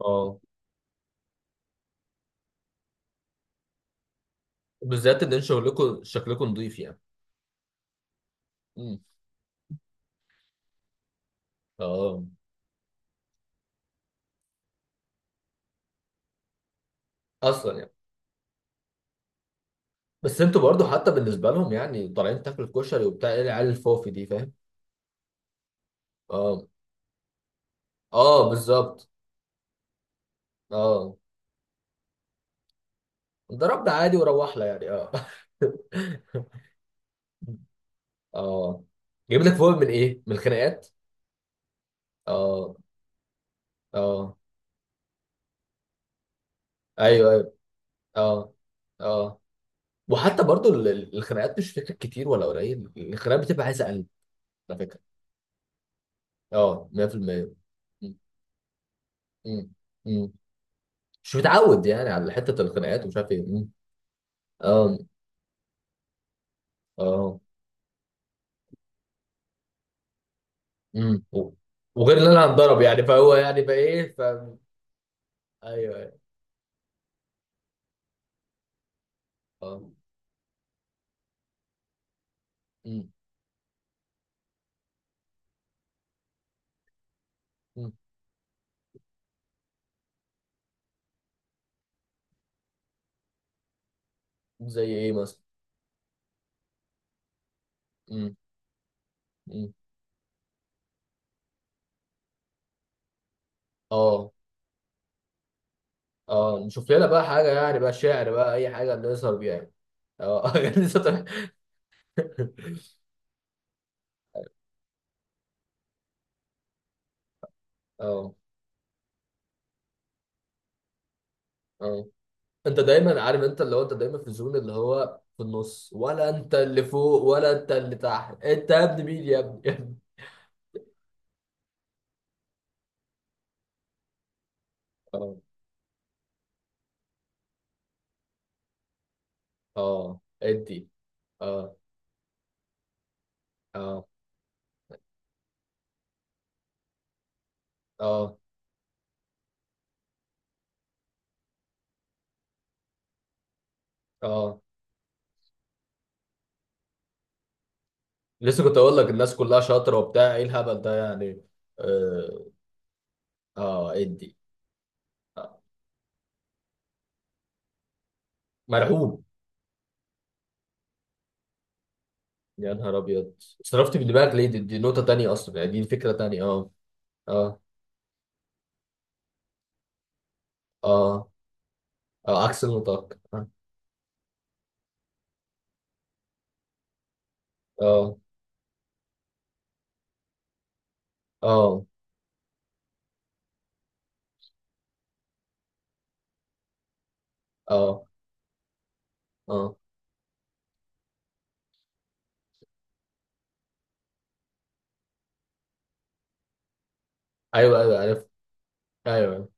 اه، بالذات ان انتوا شغلكم شكلكم نظيف يعني. امم اه. اصلا يعني. بس انتوا برضو حتى بالنسبه لهم يعني طالعين تاكل كشري وبتاع ايه العيال الفوفي دي فاهم. اه، اه، بالظبط. اه، ضربنا عادي وروحنا يعني اه. اه، جايب لك فوق من ايه، من الخناقات؟ اه، اه، ايوه ايوه، اه، اه، وحتى برضو الخناقات مش فكره كتير ولا قليل، الخناقات بتبقى عايزه قلب على فكره. اه، 100% مش متعود يعني على حته الخناقات، ومش عارف ايه مم. اه، اه، امم، وغير ان انا هنضرب يعني، فهو يعني بقى ايه فاهم. ايوه ايوه، اه، امم، امم. زي ايه مثلا؟ امم، امم، اه، اه، نشوف لنا بقى حاجه يعني، بقى شعر بقى اي حاجه نسهر بيها يعني. اه، لسه طالع. اه، اه، انت دايما عارف انت اللي هو انت دايما في الزون اللي هو في النص، ولا انت اللي فوق، ولا انت اللي تحت؟ انت يا ابني، مين يا ابني؟ يا ابني. اه، اه، ادي، اه، اه، اه، اه، لسه كنت اقول لك الناس كلها شاطره وبتاع ايه الهبل ده يعني. اه، اه، ادي، آه. مرعوب؟ يا نهار ابيض. صرفت من دماغك ليه؟ دي نقطه تانية اصلا يعني، دي فكره تانية. اه، اه، اه، اه، عكس المتوقع، اه، اه، اه، اه، آه. ايوه ايوه، عارف. ايوه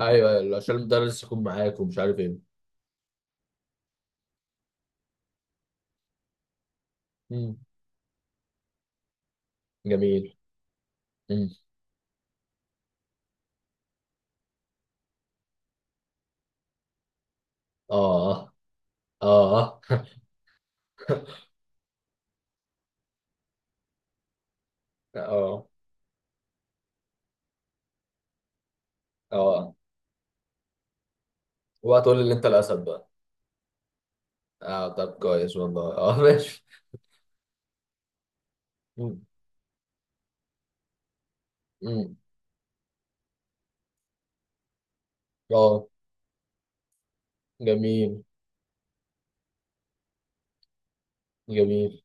ايوه، ايوه، عشان المدرس يكون معاك ومش عارف ايه مم. جميل. مم. اه، اه، اه، اه، اه، اوعى تقول لي اللي انت الاسد بقى. اه، طب كويس والله. اه، ماشي. مم. مم. اه، جميل، جميل.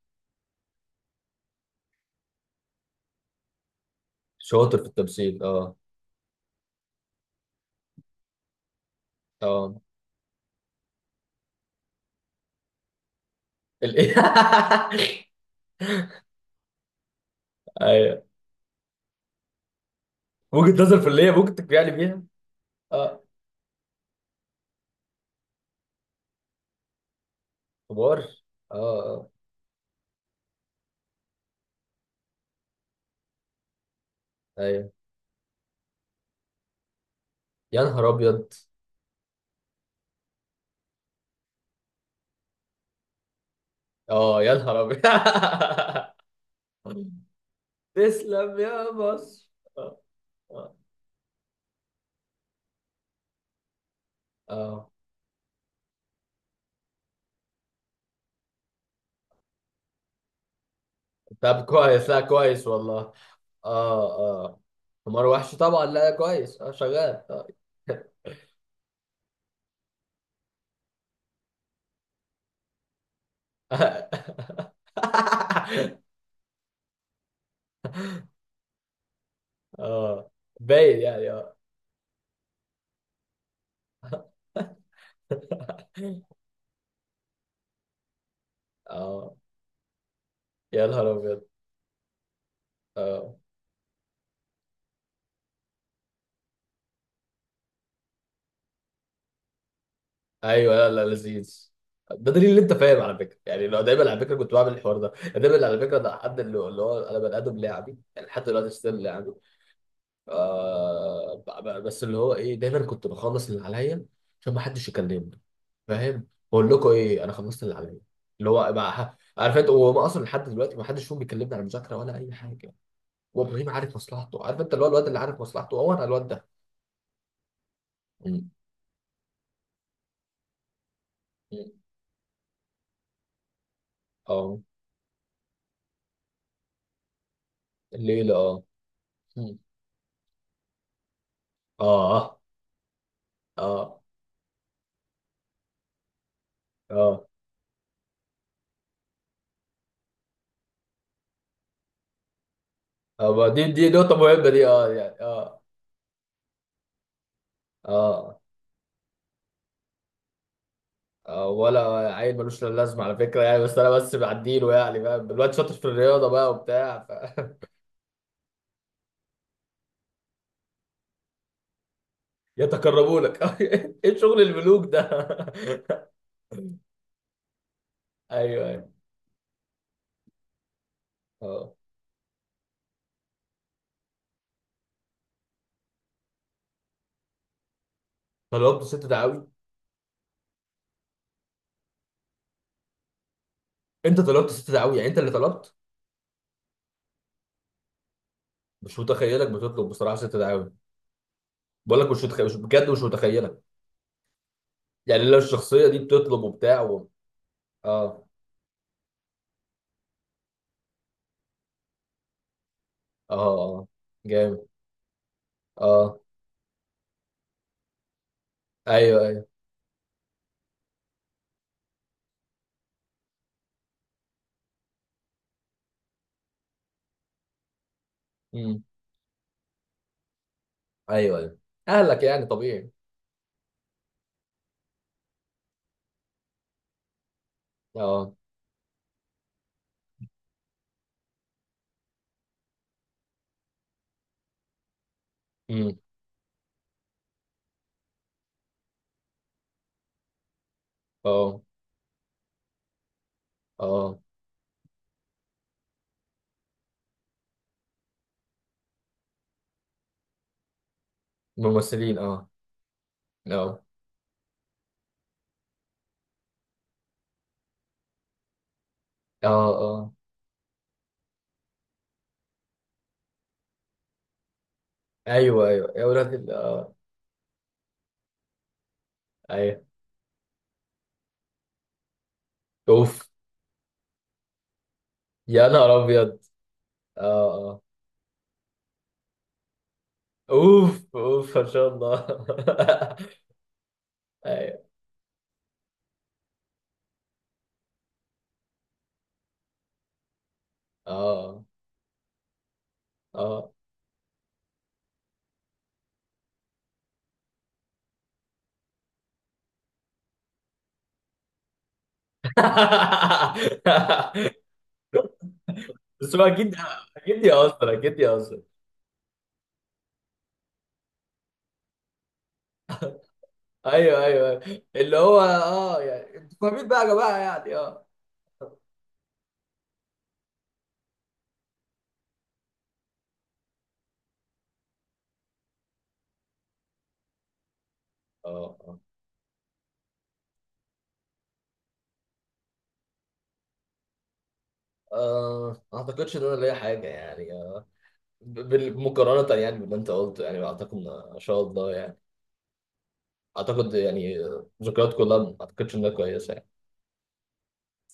شاطر في التمثيل، اه، اه، ال- ايوه، ممكن تظهر في اللي هي ممكن تبيعني بيها. اه، كبار، اه، اه، ايوه، يا نهار ابيض. اه، يا نهار ابيض. تسلم يا مصر. اه، اه، آه. طب كويس، لا كويس والله. اه، اه، حمار وحش طبعا. لا كويس، اه، شغال. آه. اه، باين يعني، اه، اه، يا نهار ابيض. اه، ايوه، لا لا، لذيذ. ده دليل اللي انت فاهم على فكره يعني، لو دايما على فكره كنت بعمل الحوار ده يعني، دايما على فكره ده حد اللي اللي هو انا بني ادم لاعبي يعني، لحد دلوقتي ستيل لاعبي. آه، بس اللي هو ايه، دايما كنت بخلص اللي عليا عشان ما حدش يكلمني، فاهم؟ بقول لكم ايه، انا خلصت اللي عليا، اللي هو بقى عارف انت؟ وهو اصلا لحد دلوقتي ما حدش فيهم بيكلمني على مذاكره ولا اي حاجه. وابراهيم عارف مصلحته، عارف انت اللي هو الواد اللي عارف مصلحته، هو انا الواد ده. اه، الليلة، اه، مم. اه، اه، اه، اه، ما دي دي نقطة مهمة دي، اه يعني، اه، اه، اه، ولا عيل ملوش لا لازمة على فكرة يعني، بس أنا بس بعديله يعني، فاهم؟ الواد شاطر في الرياضة بقى وبتاع ف... يتقربوا لك؟ ايه شغل الملوك ده. ايوه ايوه، اه، طلبت ست دعاوي؟ انت طلبت ست دعاوي يعني انت اللي طلبت؟ مش متخيلك بتطلب بصراحة ست دعاوي. بقول لك مش متخيل، مش بجد، مش متخيلك. يعني لو الشخصية دي بتطلب وبتاع و... اه، اه، اه، جامد. اه، ايوه ايوه، امم، ايوه ايوه، اهلك يعني طبيعي. اه، امم، اه، اه، ممثلين، اه، اه، اه، اه، ايوه ايوه، يا ولاد اه، ايوه، اوف، يا نهار ابيض. اه، اه، اوف اوف، ان شاء الله. ايوه، اه، اه، بس هو اكيد. اكيد يهزر، اكيد يهزر. ايوه ايوه، أيوة. اللي هو اه يعني انتوا فاهمين بقى يا جماعه يعني، اه، اه، اه، آه، ما اعتقدش ان انا ليا حاجه يعني، آه، مقارنه يعني باللي انت قلته، يعني اعتقد ان إن شاء الله يعني، اعتقد يعني آه، ذكريات كلها ما اعتقدش انها كويسه.